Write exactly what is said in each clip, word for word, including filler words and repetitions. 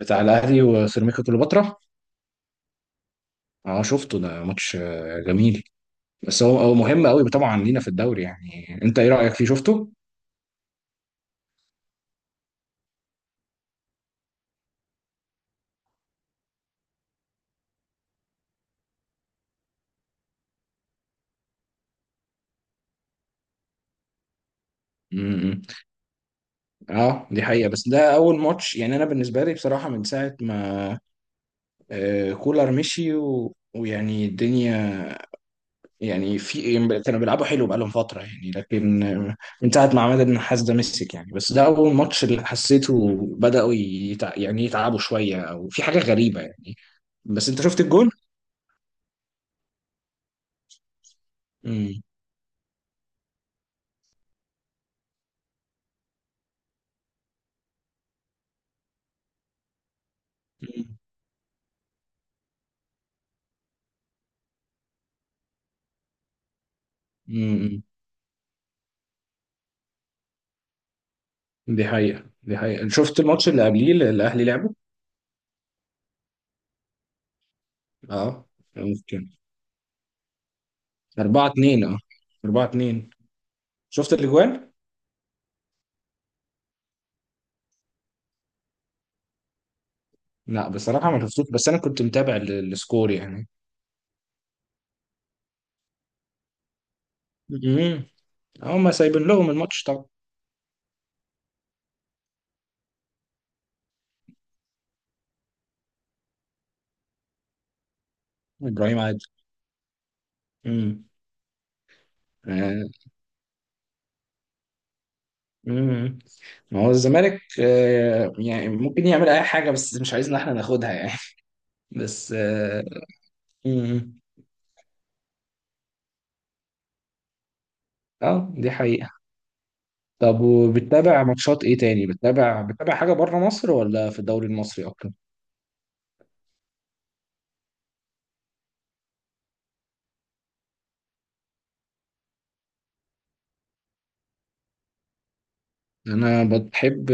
بتاع الاهلي وسيراميكا كليوباترا. اه، شفته، ده ماتش آه، جميل. بس هو هو مهم قوي طبعا لينا في الدوري، يعني انت ايه رايك فيه، شفته؟ امم. اه، دي حقيقه، بس ده اول ماتش، يعني انا بالنسبه لي بصراحه من ساعه ما آه كولر مشي و... ويعني الدنيا، يعني في إيه، كانوا بيلعبوا حلو بقالهم فتره يعني، لكن آه، من ساعه ما عماد النحاس ده مسك، يعني بس ده اول ماتش اللي حسيته بداوا يتع... يعني يتعبوا شويه او في حاجه غريبه يعني. بس انت شفت الجول؟ مم. مم. دي حقيقة دي حقيقة شفت الماتش اللي قبليه اللي الأهلي لعبه؟ اه، ممكن. أربعة اتنين، اه، أربعة اتنين. شفت الأجوان؟ لا بصراحة ما شفتوش، بس أنا كنت متابع ال- السكور يعني. امم. هم سايبين لهم الماتش طبعا. إبراهيم عادل. امم. آه. امم. ما هو الزمالك آه يعني ممكن يعمل أي حاجة، بس مش عايزنا احنا ناخدها يعني. بس اه, مم. آه. دي حقيقة. طب، وبتتابع ماتشات ايه تاني، بتتابع بتتابع حاجة بره مصر ولا في الدوري المصري اكتر؟ انا بتحب،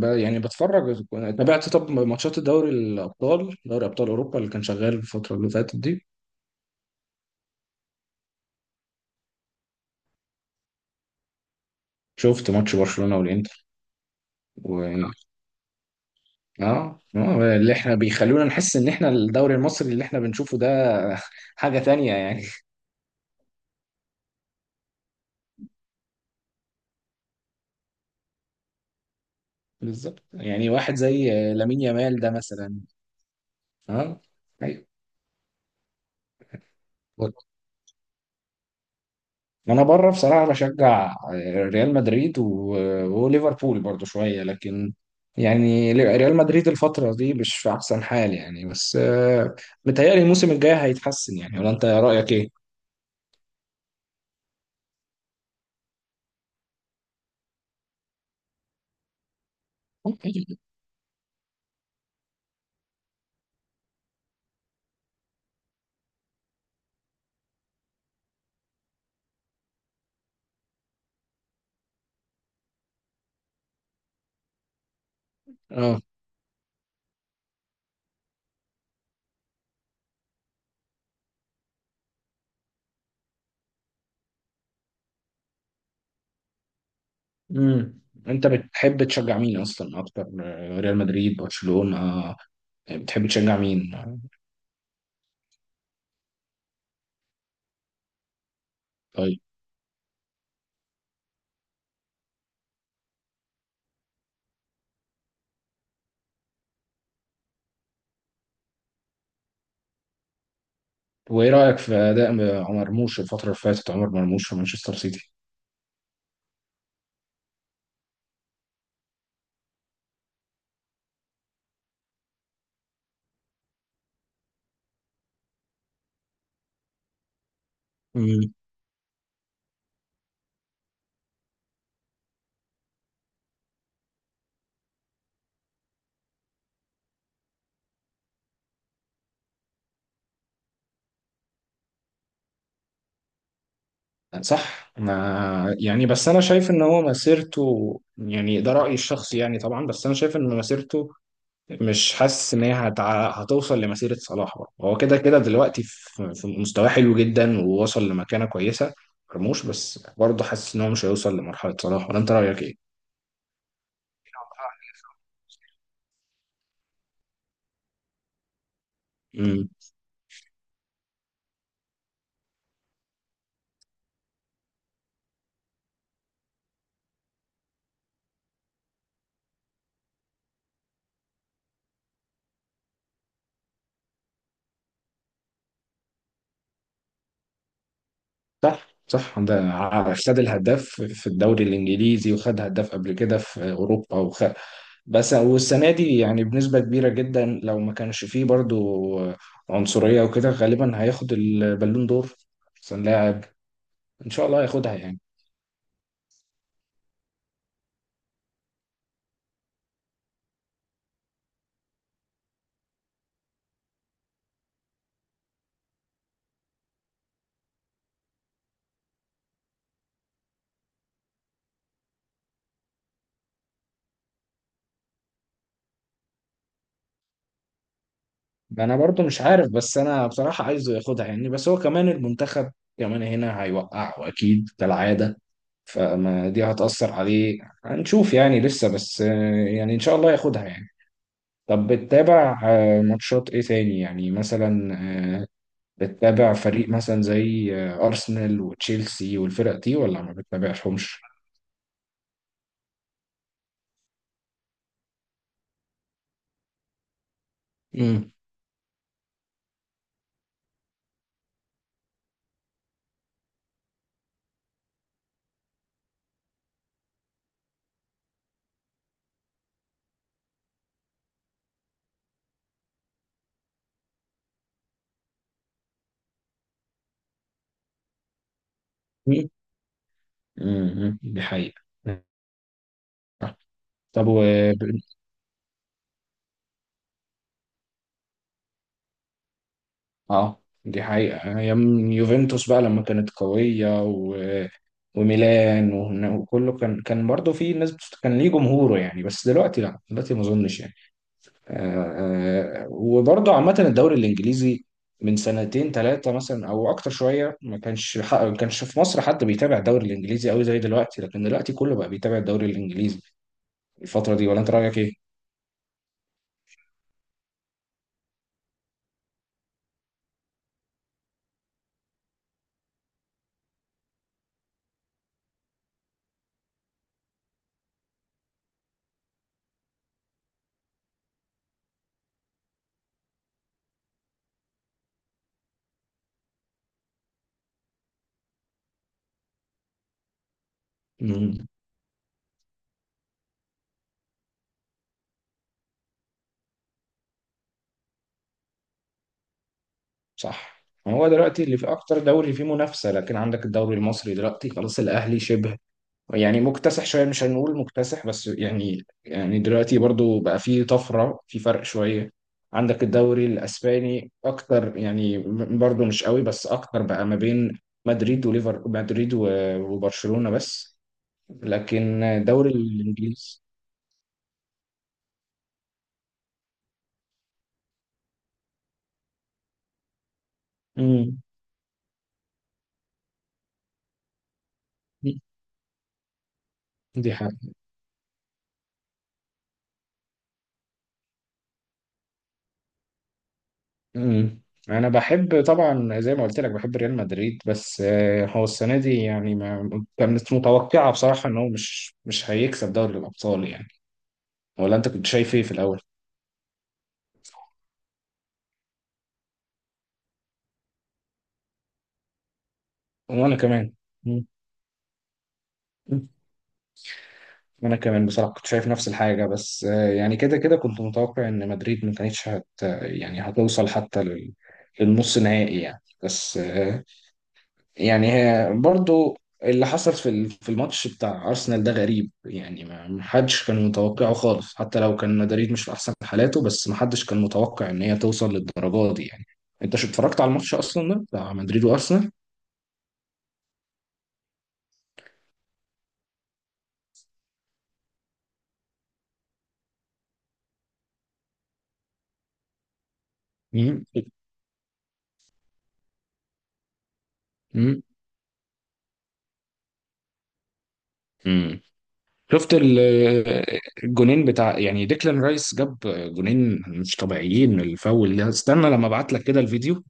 ب... يعني بتفرج. تابعت طب ماتشات الدوري الابطال، دوري ابطال اوروبا اللي كان شغال الفترة اللي فاتت دي؟ شفت ماتش برشلونة والانتر. و... اه، آه، اللي احنا بيخلونا نحس ان احنا الدوري المصري اللي احنا بنشوفه ده حاجة تانية يعني. بالظبط، يعني واحد زي لامين يامال ده مثلا. اه. ايوه. انا بره بصراحه بشجع آه، ريال مدريد و- وليفربول برضو شويه، لكن يعني ريال مدريد الفتره دي مش في احسن حال يعني، بس آه، متهيألي الموسم الجاي هيتحسن، يعني ولا انت رايك ايه؟ اه. امم. انت بتحب تشجع مين اصلا اكتر، آه، ريال مدريد، برشلونه آه، بتحب تشجع مين؟ آه، طيب. وايه رايك في اداء عمر مرموش الفتره اللي فاتت، عمر مرموش في مانشستر سيتي؟ صح، ما يعني بس انا شايف ان هو مسيرته، يعني ده رأيي الشخصي يعني طبعا، بس انا شايف ان مسيرته مش حاسس ان هي هتع... هتوصل لمسيرة صلاح. برضه هو كده كده دلوقتي في... في مستواه حلو جدا ووصل لمكانة كويسة. مرموش، بس برضه حاسس ان هو مش هيوصل لمرحلة صلاح، ولا انت رأيك ايه؟ مم. صح، صح، ده ع- خد الهداف في الدوري الانجليزي، وخد هداف قبل كده في اوروبا، وخ... بس والسنه دي يعني بنسبه كبيره جدا، لو ما كانش فيه برضو عنصريه وكده، غالبا هياخد البالون دور، احسن لاعب. ان شاء الله هياخدها يعني. انا برضو مش عارف، بس انا بصراحه عايزه ياخدها يعني، بس هو كمان المنتخب كمان هنا هيوقع واكيد كالعاده، فما دي هتأثر عليه. هنشوف يعني لسه، بس آه، يعني ان شاء الله ياخدها يعني. طب، بتتابع آه، ماتشات ايه تاني، يعني مثلا، آه، بتتابع فريق مثلا زي آه، ارسنال وتشيلسي والفرق دي ولا ما بتتابعهمش؟ امم. امم دي حقيقة. طب و... اه، دي حقيقة، ايام يوفنتوس بقى لما كانت قوية و... وميلان وهن- وكله، كان كان برضه في ناس بت... كان ليه جمهوره يعني، بس دلوقتي، لا، دلوقتي ما اظنش يعني. آه، آه، وبرضه عامة الدوري الإنجليزي من سنتين ثلاثة مثلا أو أكتر شوية، ما كانش ح- ما كانش في مصر حد بيتابع الدوري الإنجليزي أوي زي دلوقتي، لكن دلوقتي كله بقى بيتابع الدوري الإنجليزي الفترة دي. ولا أنت رأيك إيه؟ امم. صح، هو دلوقتي اللي في أكتر دوري فيه منافسة، لكن عندك الدوري المصري دلوقتي خلاص الأهلي شبه يعني مكتسح شويه، مش هنقول مكتسح بس يعني يعني دلوقتي برضو بقى في طفره في فرق شويه. عندك الدوري الاسباني اكتر يعني، م- برضو مش قوي بس اكتر، بقى ما بين مدريد وليفر مدريد و- وبرشلونه بس. لكن الدوري الانجليزي. امم. دي حاجه. امم. انا بحب طبعا، زي ما قلت لك بحب ريال مدريد، بس آه، هو السنه دي يعني ما كانت متوقعه بصراحه ان هو مش مش هيكسب دوري الابطال يعني. ولا انت كنت شايف ايه في الاول؟ وانا كمان. مم. وانا كمان بصراحة كنت شايف نفس الحاجة، بس آه، يعني كده كده كنت متوقع ان مدريد ما كانتش هت يعني هتوصل حتى لل- للنص نهائي يعني، بس آه، يعني هي برضو اللي حصل في ال- في الماتش بتاع ارسنال ده غريب يعني، ما ما حدش كان متوقعه خالص، حتى لو كان مدريد مش في احسن حالاته، بس ما حدش كان متوقع ان هي توصل للدرجة دي يعني. انت شو اتفرجت على الماتش اصلا ده بتاع مدريد وارسنال؟ مم. مم. مم. شفت ال- الجونين بتاع يعني ديكلان رايس، جاب جونين مش طبيعيين. الفاول ده استنى لما ابعت لك كده الفيديو.